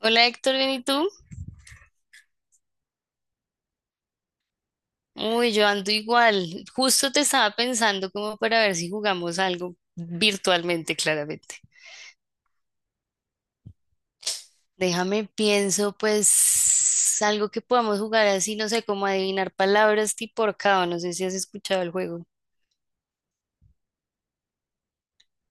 Hola Héctor, ¿bien y tú? Uy, yo ando igual. Justo te estaba pensando como para ver si jugamos algo virtualmente, claramente. Déjame pienso, pues, algo que podamos jugar así, no sé, como adivinar palabras tipo ahorcado. No sé si has escuchado el juego.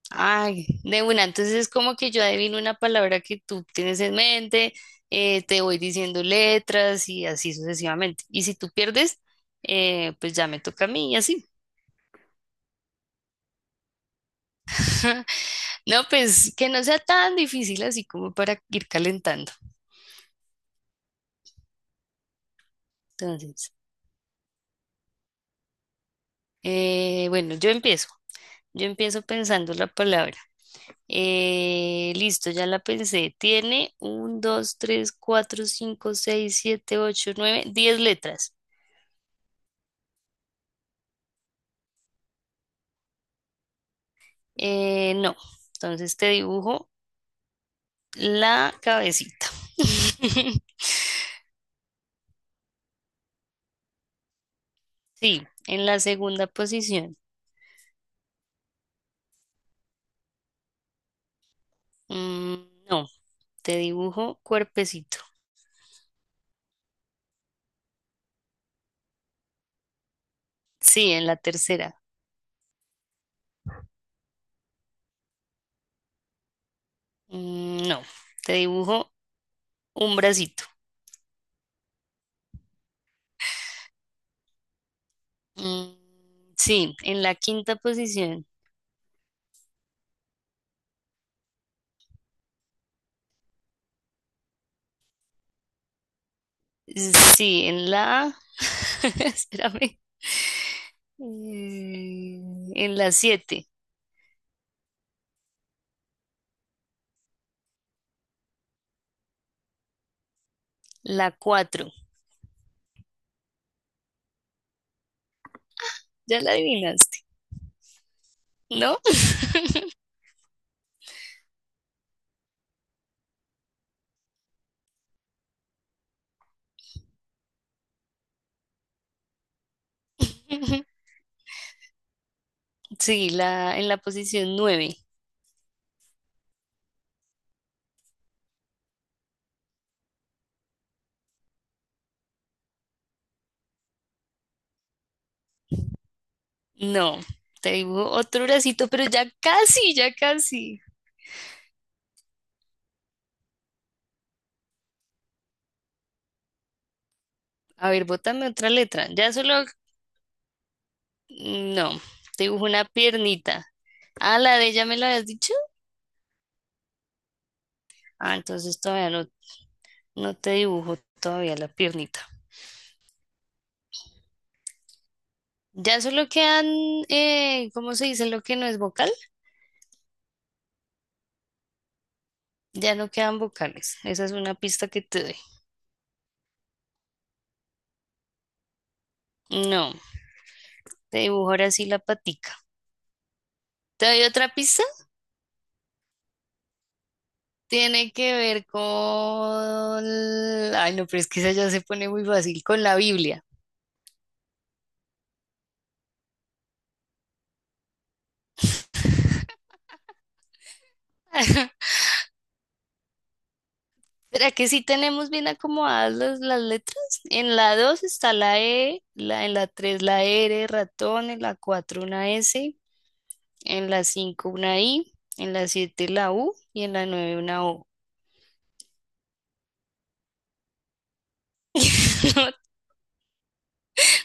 Ay, de una. Entonces es como que yo adivino una palabra que tú tienes en mente, te voy diciendo letras y así sucesivamente. Y si tú pierdes, pues ya me toca a mí y así. No, pues que no sea tan difícil así como para ir calentando. Entonces, bueno, yo empiezo. Yo empiezo pensando la palabra. Listo, ya la pensé. Tiene un, dos, tres, cuatro, cinco, seis, siete, ocho, nueve, diez letras. No, entonces te dibujo la cabecita. Sí, en la segunda posición. Mm, no, te dibujo cuerpecito. Sí, en la tercera. No, te dibujo un bracito. Mm, sí, en la quinta posición. Sí, en la... Espérame. Eh, en la siete, la cuatro. Ya la adivinaste, ¿no? Sí, en la posición nueve. No, te dibujo otro bracito, pero ya casi, ya casi. A ver, bótame otra letra. Ya solo... No, te dibujo una piernita. Ah, la de ella me la habías dicho. Ah, entonces todavía no. No te dibujo todavía la piernita. Ya solo quedan, ¿cómo se dice lo que no es vocal? Ya no quedan vocales. Esa es una pista que te doy. No, te dibujo ahora sí la patica. ¿Te doy otra pista? Tiene que ver con... Ay, no, pero es que esa ya se pone muy fácil con la Biblia. ¿Será que sí tenemos bien acomodadas las letras? En la 2 está la E, en la 3 la R, ratón, en la 4 una S, en la 5 una I, en la 7 la U y en la nueve una O.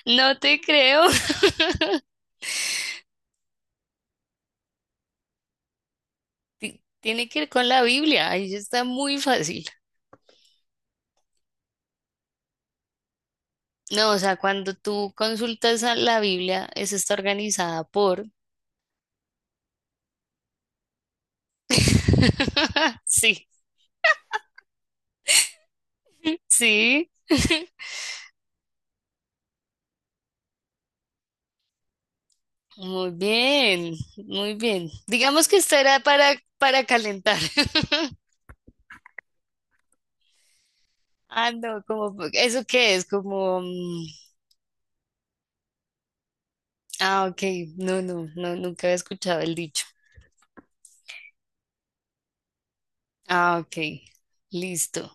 No, no te creo. Tiene que ver con la Biblia. Ahí está muy fácil. No, o sea, cuando tú consultas a la Biblia, esa está organizada por... Sí, sí. Muy bien, muy bien. Digamos que esta era para calentar. Ah, no, como, ¿eso qué es? Como, ah, ok, no, no, no, nunca había escuchado el dicho. Ah, ok. Listo.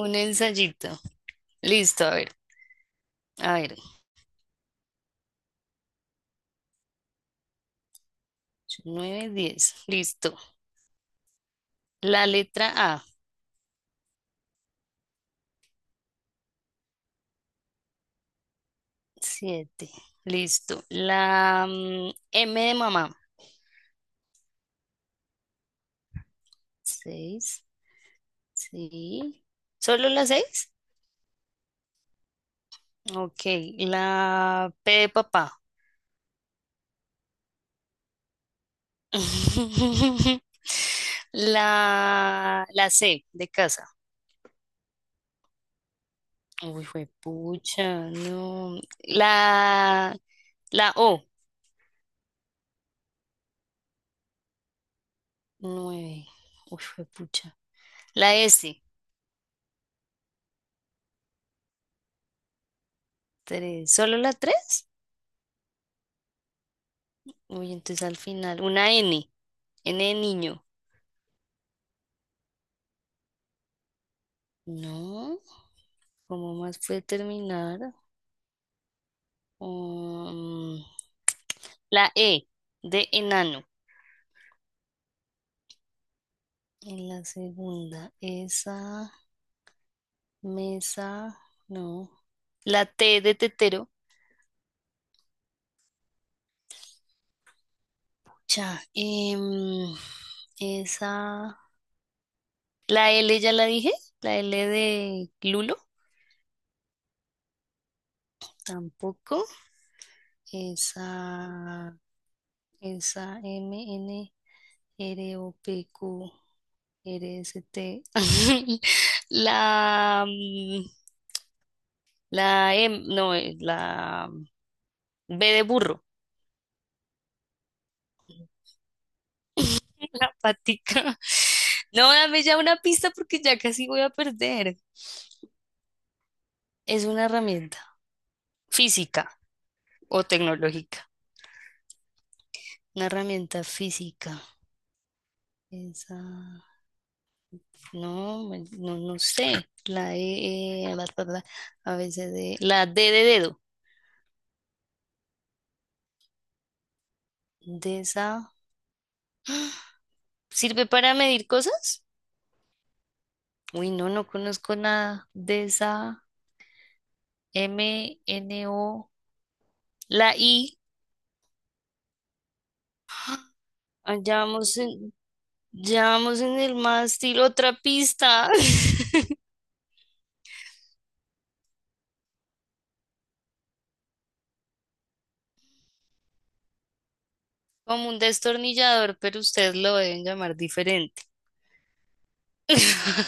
Un ensayito. Listo, a ver. A ver. 8, 9, 10. Listo. La letra A. 7. Listo. La M de mamá. Seis. Sí. ¿Solo la seis? Ok. La P de papá. La C de casa. Uy, pucha, no. La O. 9. Uy, pucha. La S. Tres. ¿Solo la tres? Uy, entonces al final. Una N. N de niño. No. ¿Cómo más puede terminar? Um, la E. De enano. En la segunda. Esa. Mesa. No. La T de tetero. Ya. Esa. La L ya la dije. La L de Lulo. Tampoco. Esa. Esa M, N. R O P ROPQ, RST, la, mm, la M, no, la B de burro, la patica. No, dame ya una pista porque ya casi voy a perder. Es una herramienta física o tecnológica. Una herramienta física. Esa, no, no, no sé. La E, bla, bla, bla, A, B, C, D. La D de dedo. De esa. ¿Sirve para medir cosas? Uy, no, no conozco nada de esa m n o. La I. Ah, ya vamos en el mástil, otra pista. Como un destornillador, pero ustedes lo deben llamar diferente.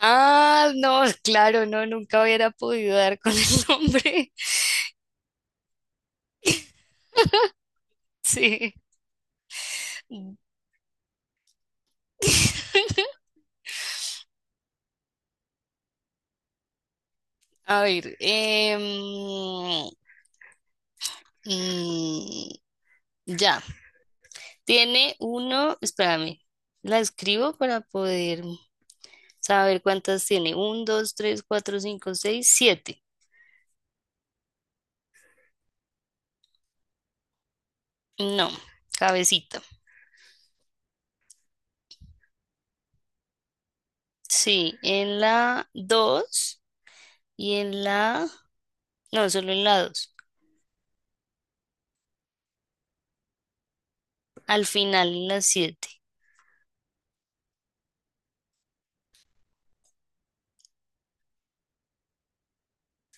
Ah, no, claro, no, nunca hubiera podido dar con el nombre. Sí. A ver, mm, ya. Tiene uno, espérame, la escribo para poder saber cuántas tiene. Un, dos, tres, cuatro, cinco, seis, siete. No, cabecita. Sí, en la dos y en la... No, solo en la dos. Al final en la siete.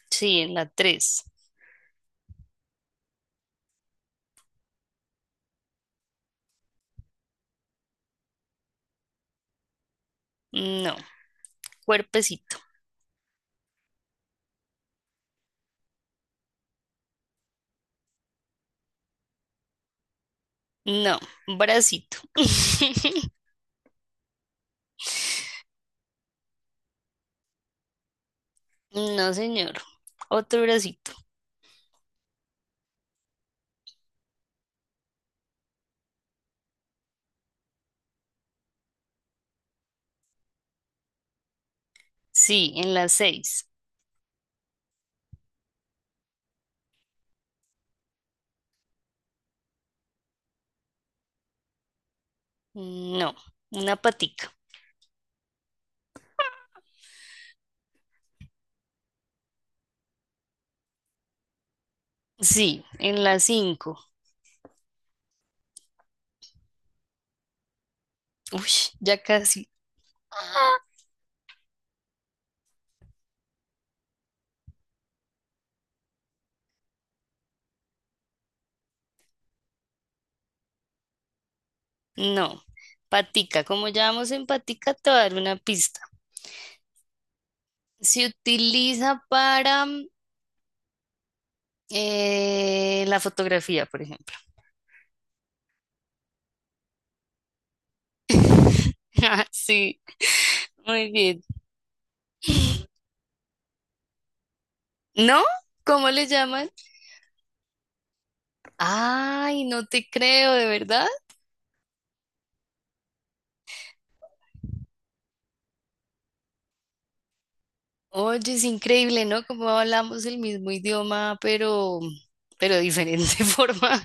Sí, en la tres. No, cuerpecito. No, bracito. No, señor. Otro bracito. Sí, en la seis. No, una patica. Sí, en la 5. Uy, ya casi. No. Patica, como ya vamos en patica, te voy a dar una pista. Se utiliza para la fotografía, por ejemplo. Sí, muy bien. ¿No? ¿Cómo le llaman? Ay, no te creo, ¿de verdad? Oye, es increíble, ¿no? Como hablamos el mismo idioma, pero de diferente forma.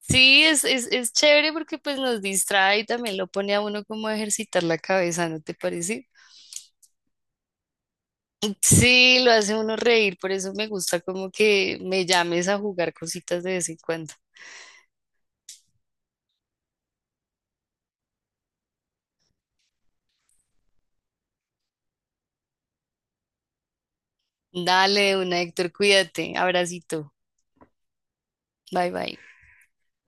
Sí, es chévere porque pues nos distrae y también lo pone a uno como a ejercitar la cabeza, ¿no te parece? Sí, lo hace uno reír, por eso me gusta como que me llames a jugar cositas de vez en cuando. Dale, una Héctor, cuídate. Abracito. Bye bye.